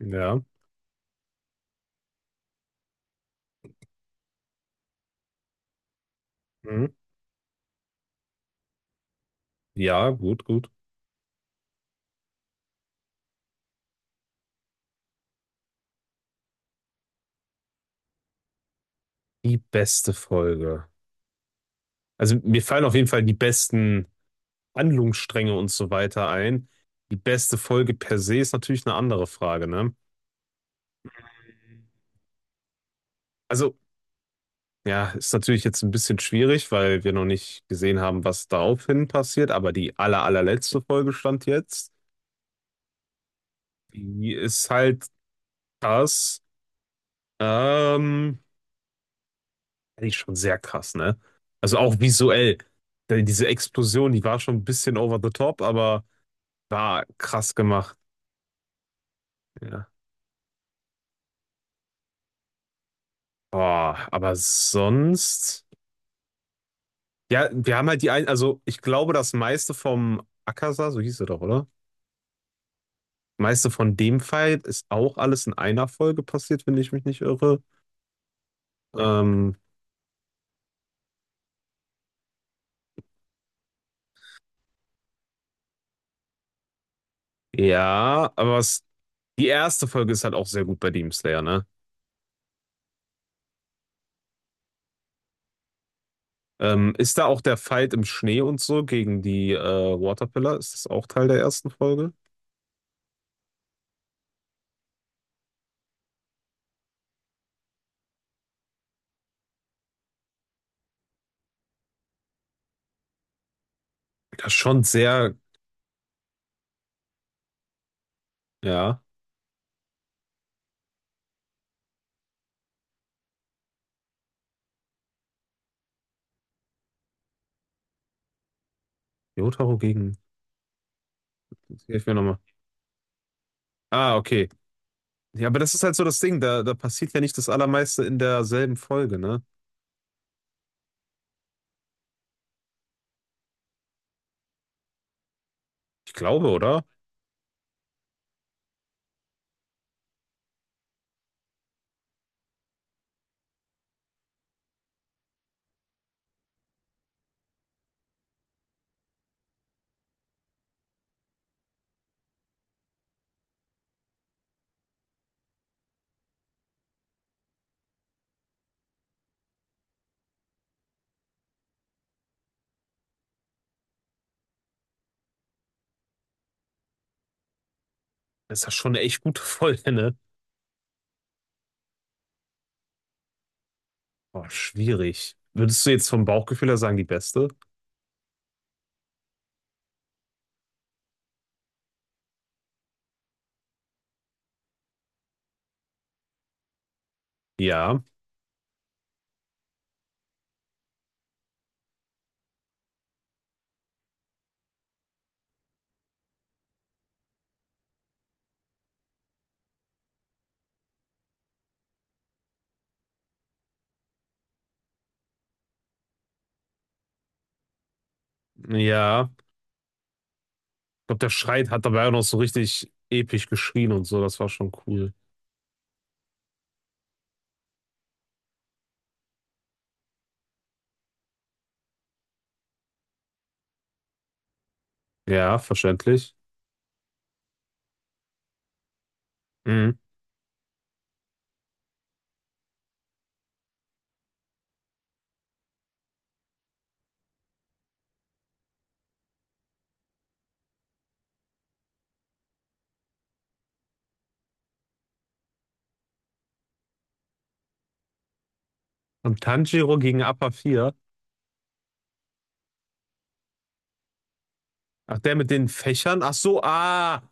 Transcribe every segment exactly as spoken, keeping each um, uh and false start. Ja. Mhm. Ja, gut, gut. Die beste Folge. Also mir fallen auf jeden Fall die besten Handlungsstränge und so weiter ein. Die beste Folge per se ist natürlich eine andere Frage, ne? Also, ja, ist natürlich jetzt ein bisschen schwierig, weil wir noch nicht gesehen haben, was daraufhin passiert, aber die aller, allerletzte Folge stand jetzt. Die ist halt krass. Ähm, die ist schon sehr krass, ne? Also auch visuell. Denn diese Explosion, die war schon ein bisschen over the top, aber. War krass gemacht. Ja. Boah, aber sonst. Ja, wir haben halt die ein, also ich glaube, das meiste vom Akaza, so hieß er doch, oder? Meiste von dem Fight ist auch alles in einer Folge passiert, wenn ich mich nicht irre. Ähm, ja, aber es, die erste Folge ist halt auch sehr gut bei Demon Slayer, ne? Ähm, ist da auch der Fight im Schnee und so gegen die äh, Waterpillar? Ist das auch Teil der ersten Folge? Das ist schon sehr, ja. Jotaro gegen. Hilf mir nochmal. Ah, okay. Ja, aber das ist halt so das Ding, da, da passiert ja nicht das Allermeiste in derselben Folge, ne? Ich glaube, oder? Das ist ja schon eine echt gute Folge, ne? Boah, schwierig. Würdest du jetzt vom Bauchgefühl her sagen, die beste? Ja, ja. Ich glaube, der Schreit hat dabei auch noch so richtig episch geschrien und so, das war schon cool. Ja, verständlich. Mhm. Und Tanjiro gegen Appa vier. Ach, der mit den Fächern? Ach so, ah!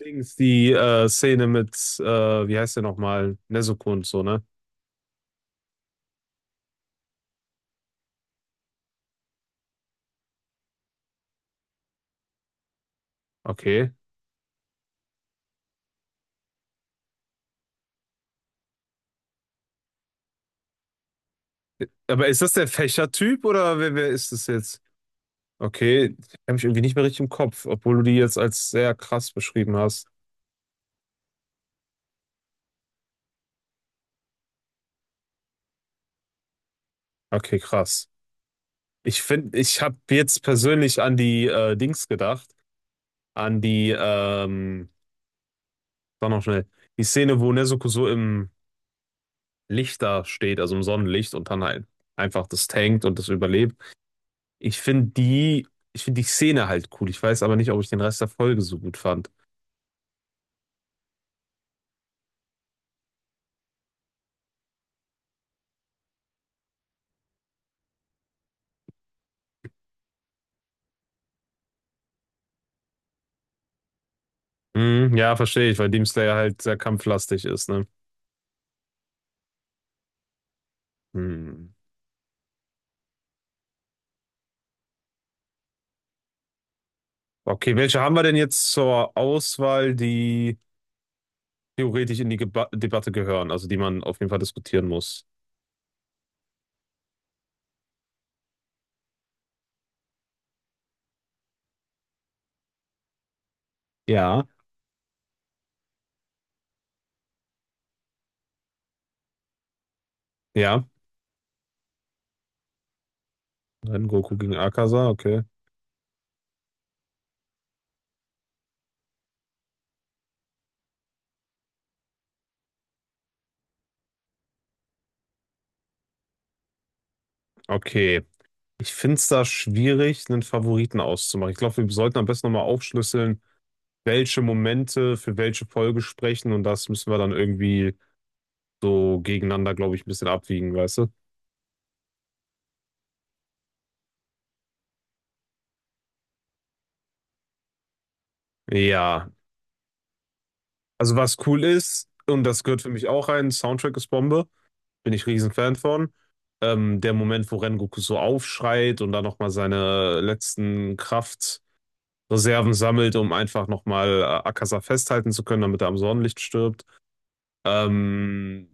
Dings, die äh, Szene mit, äh, wie heißt der nochmal? Nezuko und so, ne? Okay. Aber ist das der Fächertyp oder wer, wer ist das jetzt? Okay, ich habe mich irgendwie nicht mehr richtig im Kopf, obwohl du die jetzt als sehr krass beschrieben hast. Okay, krass. Ich finde, ich habe jetzt persönlich an die äh, Dings gedacht, an die, ähm, sag noch schnell, die Szene, wo Nezuko so im Licht da steht, also im Sonnenlicht und dann halt einfach das tankt und das überlebt. Ich finde die, ich finde die Szene halt cool. Ich weiß aber nicht, ob ich den Rest der Folge so gut fand. Hm, ja, verstehe ich, weil Demon Slayer halt sehr kampflastig ist, ne? Hm. Okay, welche haben wir denn jetzt zur Auswahl, die theoretisch in die Geba Debatte gehören, also die man auf jeden Fall diskutieren muss? Ja. Ja, Rengoku Goku gegen Akaza, okay. Okay, ich finde es da schwierig, einen Favoriten auszumachen. Ich glaube, wir sollten am besten nochmal aufschlüsseln, welche Momente für welche Folge sprechen und das müssen wir dann irgendwie so gegeneinander, glaube ich, ein bisschen abwiegen, weißt du? Ja, also was cool ist, und das gehört für mich auch rein, Soundtrack ist Bombe. Bin ich riesen Fan von. Ähm, der Moment, wo Rengoku so aufschreit und dann nochmal seine letzten Kraftreserven sammelt, um einfach nochmal äh, Akaza festhalten zu können, damit er am Sonnenlicht stirbt. Ähm,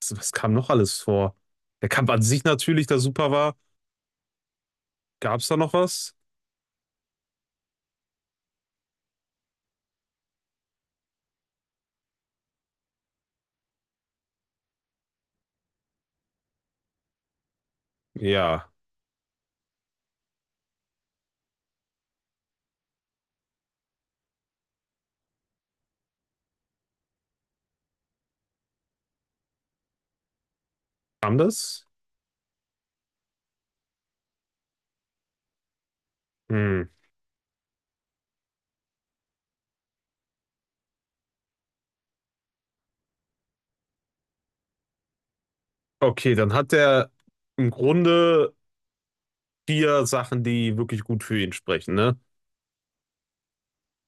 was was kam noch alles vor? Der Kampf an sich natürlich, der super war. Gab es da noch was? Ja. Kam das? Hm. Okay, dann hat er im Grunde vier Sachen, die wirklich gut für ihn sprechen, ne?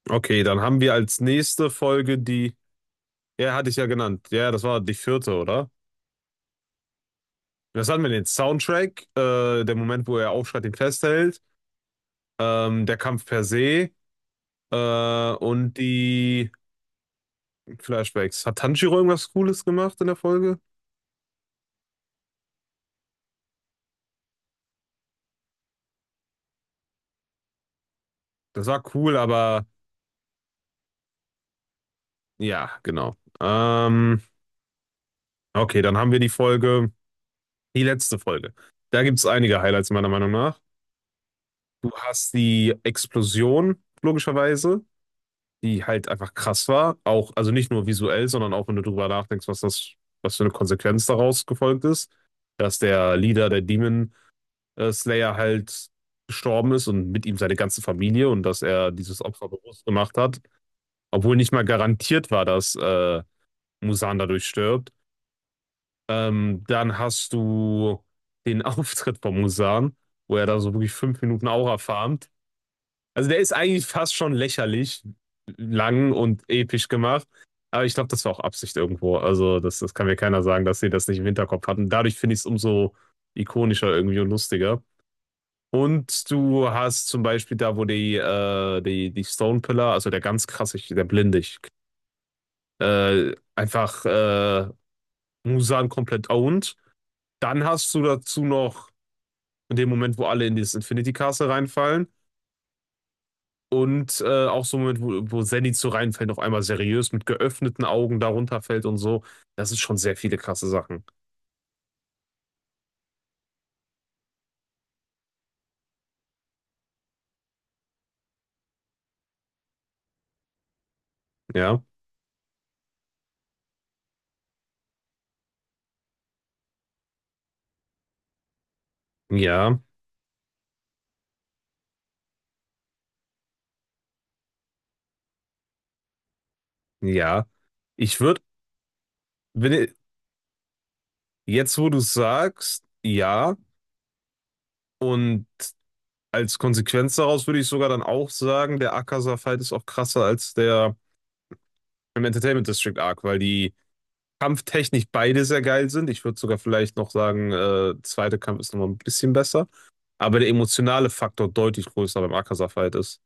Okay, dann haben wir als nächste Folge die. Ja, hatte ich ja genannt. Ja, das war die vierte, oder? Das hatten wir den Soundtrack, äh, der Moment, wo er aufschreit, ihn festhält, ähm, der Kampf per se äh, und die Flashbacks. Hat Tanjiro irgendwas Cooles gemacht in der Folge? Das war cool, aber ja, genau. Ähm, okay, dann haben wir die Folge, die letzte Folge. Da gibt es einige Highlights meiner Meinung nach. Du hast die Explosion, logischerweise, die halt einfach krass war. Auch, also nicht nur visuell, sondern auch wenn du drüber nachdenkst, was das, was für eine Konsequenz daraus gefolgt ist, dass der Leader der Demon äh, Slayer halt gestorben ist und mit ihm seine ganze Familie und dass er dieses Opfer bewusst gemacht hat, obwohl nicht mal garantiert war, dass äh, Musan dadurch stirbt. Ähm, dann hast du den Auftritt von Musan, wo er da so wirklich fünf Minuten Aura farmt. Also der ist eigentlich fast schon lächerlich lang und episch gemacht. Aber ich glaube, das war auch Absicht irgendwo. Also das, das kann mir keiner sagen, dass sie das nicht im Hinterkopf hatten. Dadurch finde ich es umso ikonischer irgendwie und lustiger. Und du hast zum Beispiel da, wo die, äh, die, die Stone Pillar, also der ganz krasse, ich- der Blinde, ich, äh, einfach äh, Musan komplett owned. Dann hast du dazu noch in dem Moment, wo alle in dieses Infinity Castle reinfallen. Und äh, auch so mit, wo, wo Zenith so reinfällt, auf einmal seriös mit geöffneten Augen darunter fällt und so. Das ist schon sehr viele krasse Sachen. Ja, ja, ja. Ich würde, wenn i- jetzt, wo du es sagst, ja. Und als Konsequenz daraus würde ich sogar dann auch sagen, der Akaza-Fight ist auch krasser als der im Entertainment District Arc, weil die kampftechnisch beide sehr geil sind. Ich würde sogar vielleicht noch sagen, äh, zweite Kampf ist nochmal ein bisschen besser. Aber der emotionale Faktor deutlich größer beim Akaza-Fight ist.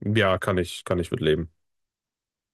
Ja, kann ich, kann ich mit leben.